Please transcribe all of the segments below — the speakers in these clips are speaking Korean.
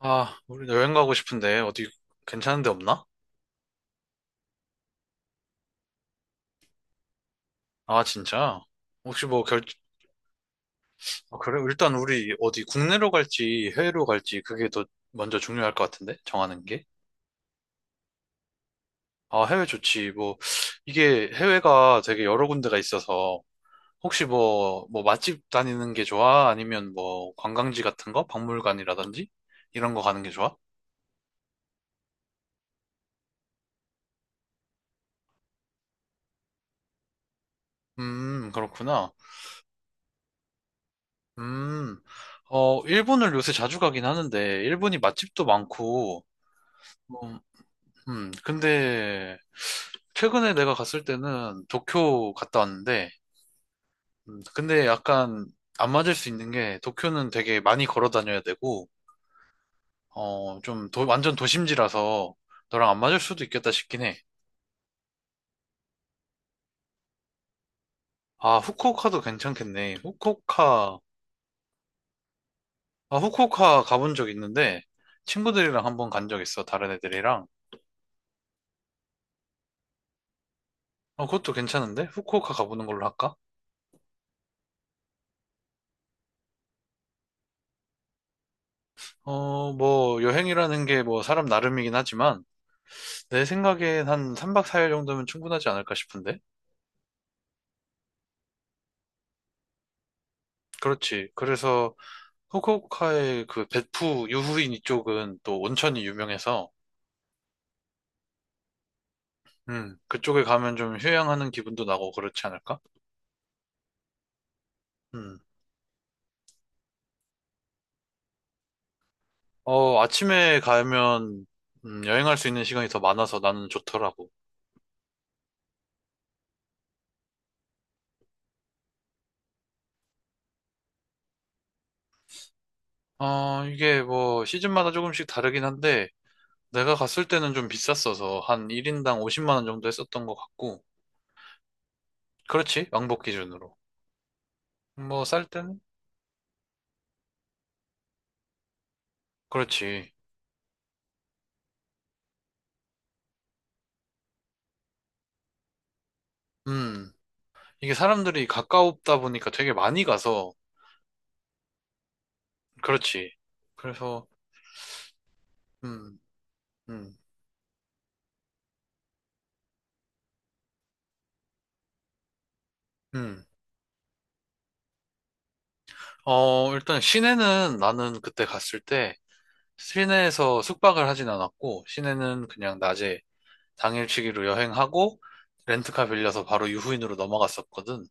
아, 우리 여행 가고 싶은데 어디 괜찮은 데 없나? 아, 진짜? 혹시 뭐 결, 아, 그래? 일단 우리 어디 국내로 갈지 해외로 갈지 그게 더 먼저 중요할 것 같은데? 정하는 게? 아, 해외 좋지. 뭐, 이게 해외가 되게 여러 군데가 있어서 혹시 뭐 맛집 다니는 게 좋아? 아니면 뭐 관광지 같은 거? 박물관이라든지? 이런 거 가는 게 좋아? 그렇구나. 음, 어, 일본을 요새 자주 가긴 하는데 일본이 맛집도 많고 음, 근데 최근에 내가 갔을 때는 도쿄 갔다 왔는데, 근데 약간 안 맞을 수 있는 게 도쿄는 되게 많이 걸어 다녀야 되고, 어, 좀 완전 도심지라서 너랑 안 맞을 수도 있겠다 싶긴 해. 아, 후쿠오카도 괜찮겠네. 후쿠오카, 아, 후쿠오카 가본 적 있는데 친구들이랑 한번 간 적 있어. 다른 애들이랑. 어, 그것도 괜찮은데? 후쿠오카 가보는 걸로 할까? 어, 뭐 여행이라는 게 뭐 사람 나름이긴 하지만. 내 생각엔 한 3박 4일 정도면 충분하지 않을까 싶은데? 그렇지. 그래서 후쿠오카의 그 베푸 유후인 이쪽은 또 온천이 유명해서 그쪽에 가면 좀 휴양하는 기분도 나고 그렇지 않을까? 음. 어, 아침에 가면 여행할 수 있는 시간이 더 많아서 나는 좋더라고. 어, 이게 뭐 시즌마다 조금씩 다르긴 한데 내가 갔을 때는 좀 비쌌어서 한 1인당 50만 원 정도 했었던 것 같고 그렇지. 왕복 기준으로. 뭐 쌀 때는 그렇지. 음. 이게 사람들이 가까우다 보니까 되게 많이 가서, 그렇지. 그래서, 음, 음, 음. 어, 일단 시내는 나는 그때 갔을 때, 시내에서 숙박을 하진 않았고, 시내는 그냥 낮에 당일치기로 여행하고, 렌트카 빌려서 바로 유후인으로 넘어갔었거든.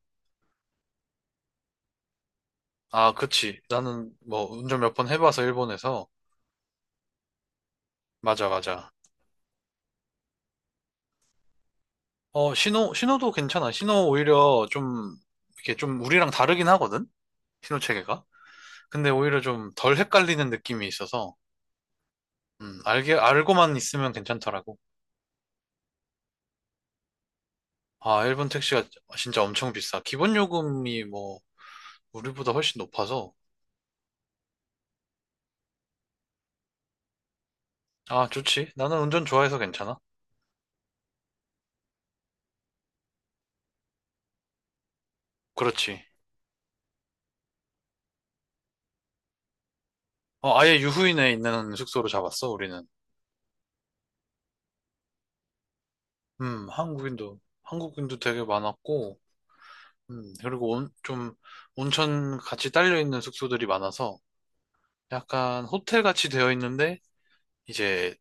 아, 그치. 나는 뭐 운전 몇 번 해봐서 일본에서. 맞아, 맞아. 어, 신호도 괜찮아. 신호 오히려 좀, 이렇게 좀 우리랑 다르긴 하거든? 신호 체계가. 근데 오히려 좀 덜 헷갈리는 느낌이 있어서, 알고만 있으면 괜찮더라고. 아, 일본 택시가 진짜 엄청 비싸. 기본 요금이 뭐, 우리보다 훨씬 높아서, 아, 좋지. 나는 운전 좋아해서 괜찮아. 그렇지. 어, 아예 유후인에 있는 숙소로 잡았어, 우리는. 한국인도 되게 많았고, 그리고 온천 같이 딸려있는 숙소들이 많아서, 약간 호텔 같이 되어 있는데, 이제,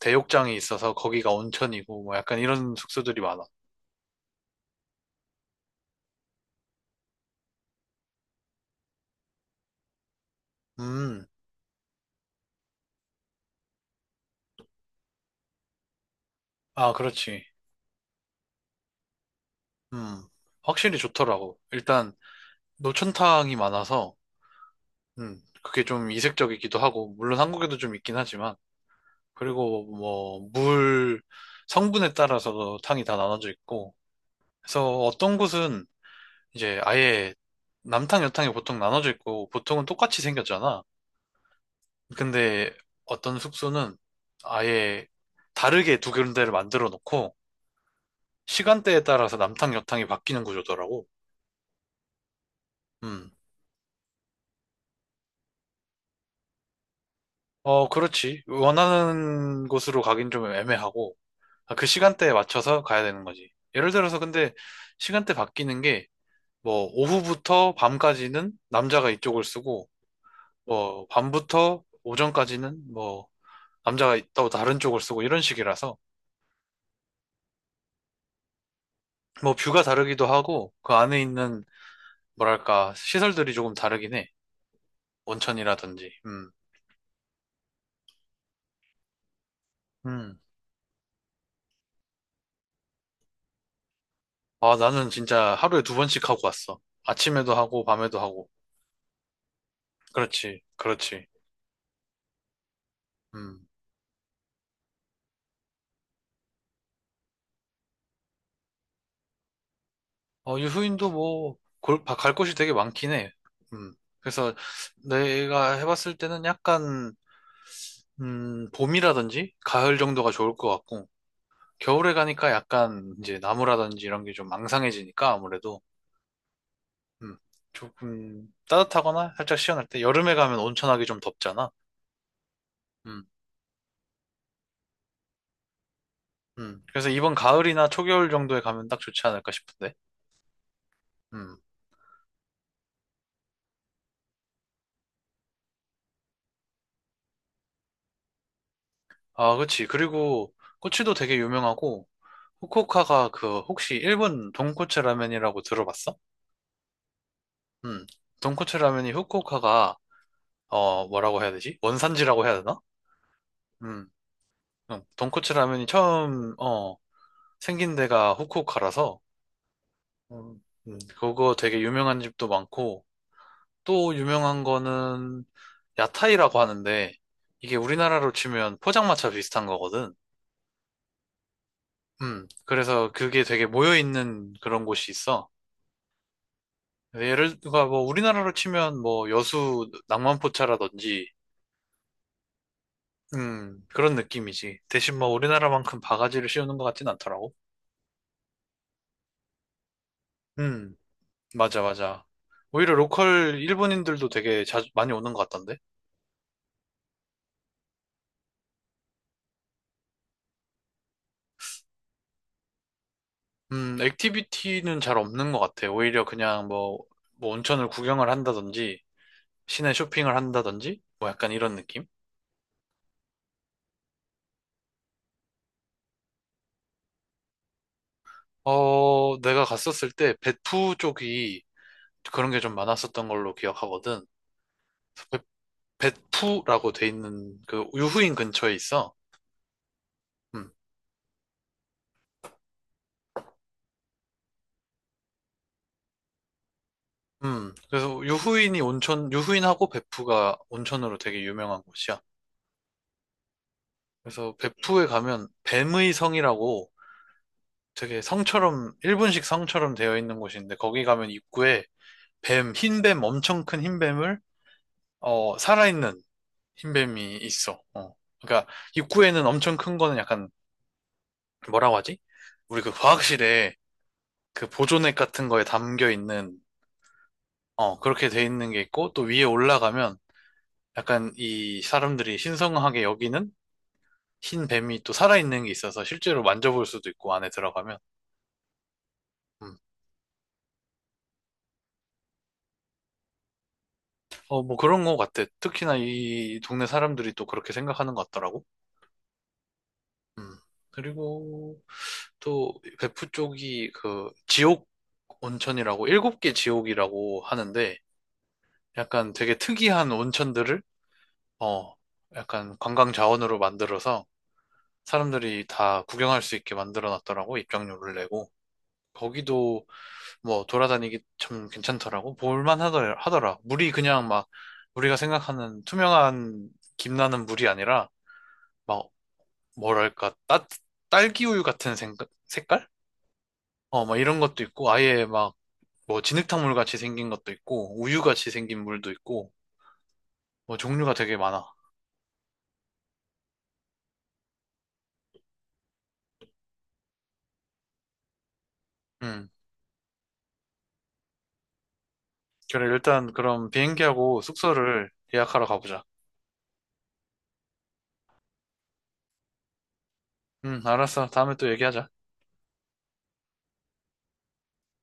대욕장이 있어서 거기가 온천이고, 뭐 약간 이런 숙소들이 많아. 음, 아, 그렇지. 음, 확실히 좋더라고. 일단 노천탕이 많아서 그게 좀 이색적이기도 하고, 물론 한국에도 좀 있긴 하지만, 그리고 뭐, 물 성분에 따라서도 탕이 다 나눠져 있고, 그래서 어떤 곳은 이제 아예 남탕, 여탕이 보통 나눠져 있고, 보통은 똑같이 생겼잖아. 근데 어떤 숙소는 아예 다르게 두 군데를 만들어 놓고, 시간대에 따라서 남탕, 여탕이 바뀌는 구조더라고. 음 어, 그렇지. 원하는 곳으로 가긴 좀 애매하고, 아, 그 시간대에 맞춰서 가야 되는 거지. 예를 들어서 근데 시간대 바뀌는 게, 뭐, 오후부터 밤까지는 남자가 이쪽을 쓰고, 뭐, 밤부터 오전까지는 뭐, 남자가 또 다른 쪽을 쓰고, 이런 식이라서, 뭐, 뷰가 다르기도 하고, 그 안에 있는, 뭐랄까, 시설들이 조금 다르긴 해. 온천이라든지, 음. 아, 나는 진짜 하루에 두 번씩 하고 왔어. 아침에도 하고, 밤에도 하고. 그렇지, 그렇지. 음. 어, 유후인도 뭐, 갈 곳이 되게 많긴 해. 음. 그래서 내가 해봤을 때는 약간, 봄이라든지 가을 정도가 좋을 것 같고, 겨울에 가니까 약간 이제 나무라든지 이런 게 좀 망상해지니까 아무래도, 음, 조금 따뜻하거나 살짝 시원할 때, 여름에 가면 온천하기 좀 덥잖아. 음, 그래서 이번 가을이나 초겨울 정도에 가면 딱 좋지 않을까 싶은데. 음. 아, 그치. 그리고 꼬치도 되게 유명하고, 후쿠오카가 그 혹시 일본 돈코츠 라면이라고 들어봤어? 음. 돈코츠 라면이 후쿠오카가 어 뭐라고 해야 되지? 원산지라고 해야 되나? 음. 음. 돈코츠 라면이 처음 어 생긴 데가 후쿠오카라서 음. 그거 되게 유명한 집도 많고 또 유명한 거는 야타이라고 하는데 이게 우리나라로 치면 포장마차 비슷한 거거든. 음. 그래서 그게 되게 모여 있는 그런 곳이 있어. 네, 예를 들어 뭐 우리나라로 치면 뭐 여수 낭만포차라든지 그런 느낌이지. 대신 뭐 우리나라만큼 바가지를 씌우는 것 같진 않더라고. 음 맞아, 맞아. 오히려 로컬 일본인들도 되게 자주 많이 오는 것 같던데 액티비티는 잘 없는 것 같아. 오히려 그냥 뭐, 뭐 온천을 구경을 한다든지 시내 쇼핑을 한다든지 뭐 약간 이런 느낌. 어 내가 갔었을 때배푸 쪽이 그런 게 좀 많았었던 걸로 기억하거든. 벳푸라고 돼 있는 그 유후인 근처에 있어. 음, 그래서 유후인이 온천, 유후인하고 벳푸가 온천으로 되게 유명한 곳이야. 그래서 벳푸에 가면 뱀의 성이라고 되게 성처럼, 일본식 성처럼 되어 있는 곳인데 거기 가면 입구에 뱀, 흰뱀, 엄청 큰 흰뱀을, 어, 살아있는 흰뱀이 있어. 어. 그러니까 입구에는 엄청 큰 거는 약간 뭐라고 하지? 우리 그 과학실에 그 보존액 같은 거에 담겨 있는 어, 그렇게 돼 있는 게 있고, 또 위에 올라가면 약간 이 사람들이 신성하게 여기는 흰 뱀이 또 살아있는 게 있어서 실제로 만져볼 수도 있고, 안에 들어가면. 음. 어, 뭐 그런 거 같아. 특히나 이 동네 사람들이 또 그렇게 생각하는 것 같더라고. 음. 그리고 또 베프 쪽이 그 지옥 온천이라고, 7개 지옥이라고 하는데, 약간 되게 특이한 온천들을, 어, 약간 관광 자원으로 만들어서 사람들이 다 구경할 수 있게 만들어 놨더라고, 입장료를 내고. 거기도 뭐 돌아다니기 참 괜찮더라고. 볼만 하더라. 물이 그냥 막 우리가 생각하는 투명한 김나는 물이 아니라 막 뭐랄까, 딸기우유 같은 생, 색깔? 어, 막 이런 것도 있고, 아예 막 뭐 진흙탕물 같이 생긴 것도 있고, 우유 같이 생긴 물도 있고, 뭐 종류가 되게 많아. 음. 그래, 일단 그럼 비행기하고 숙소를 예약하러 가보자. 알았어. 다음에 또 얘기하자.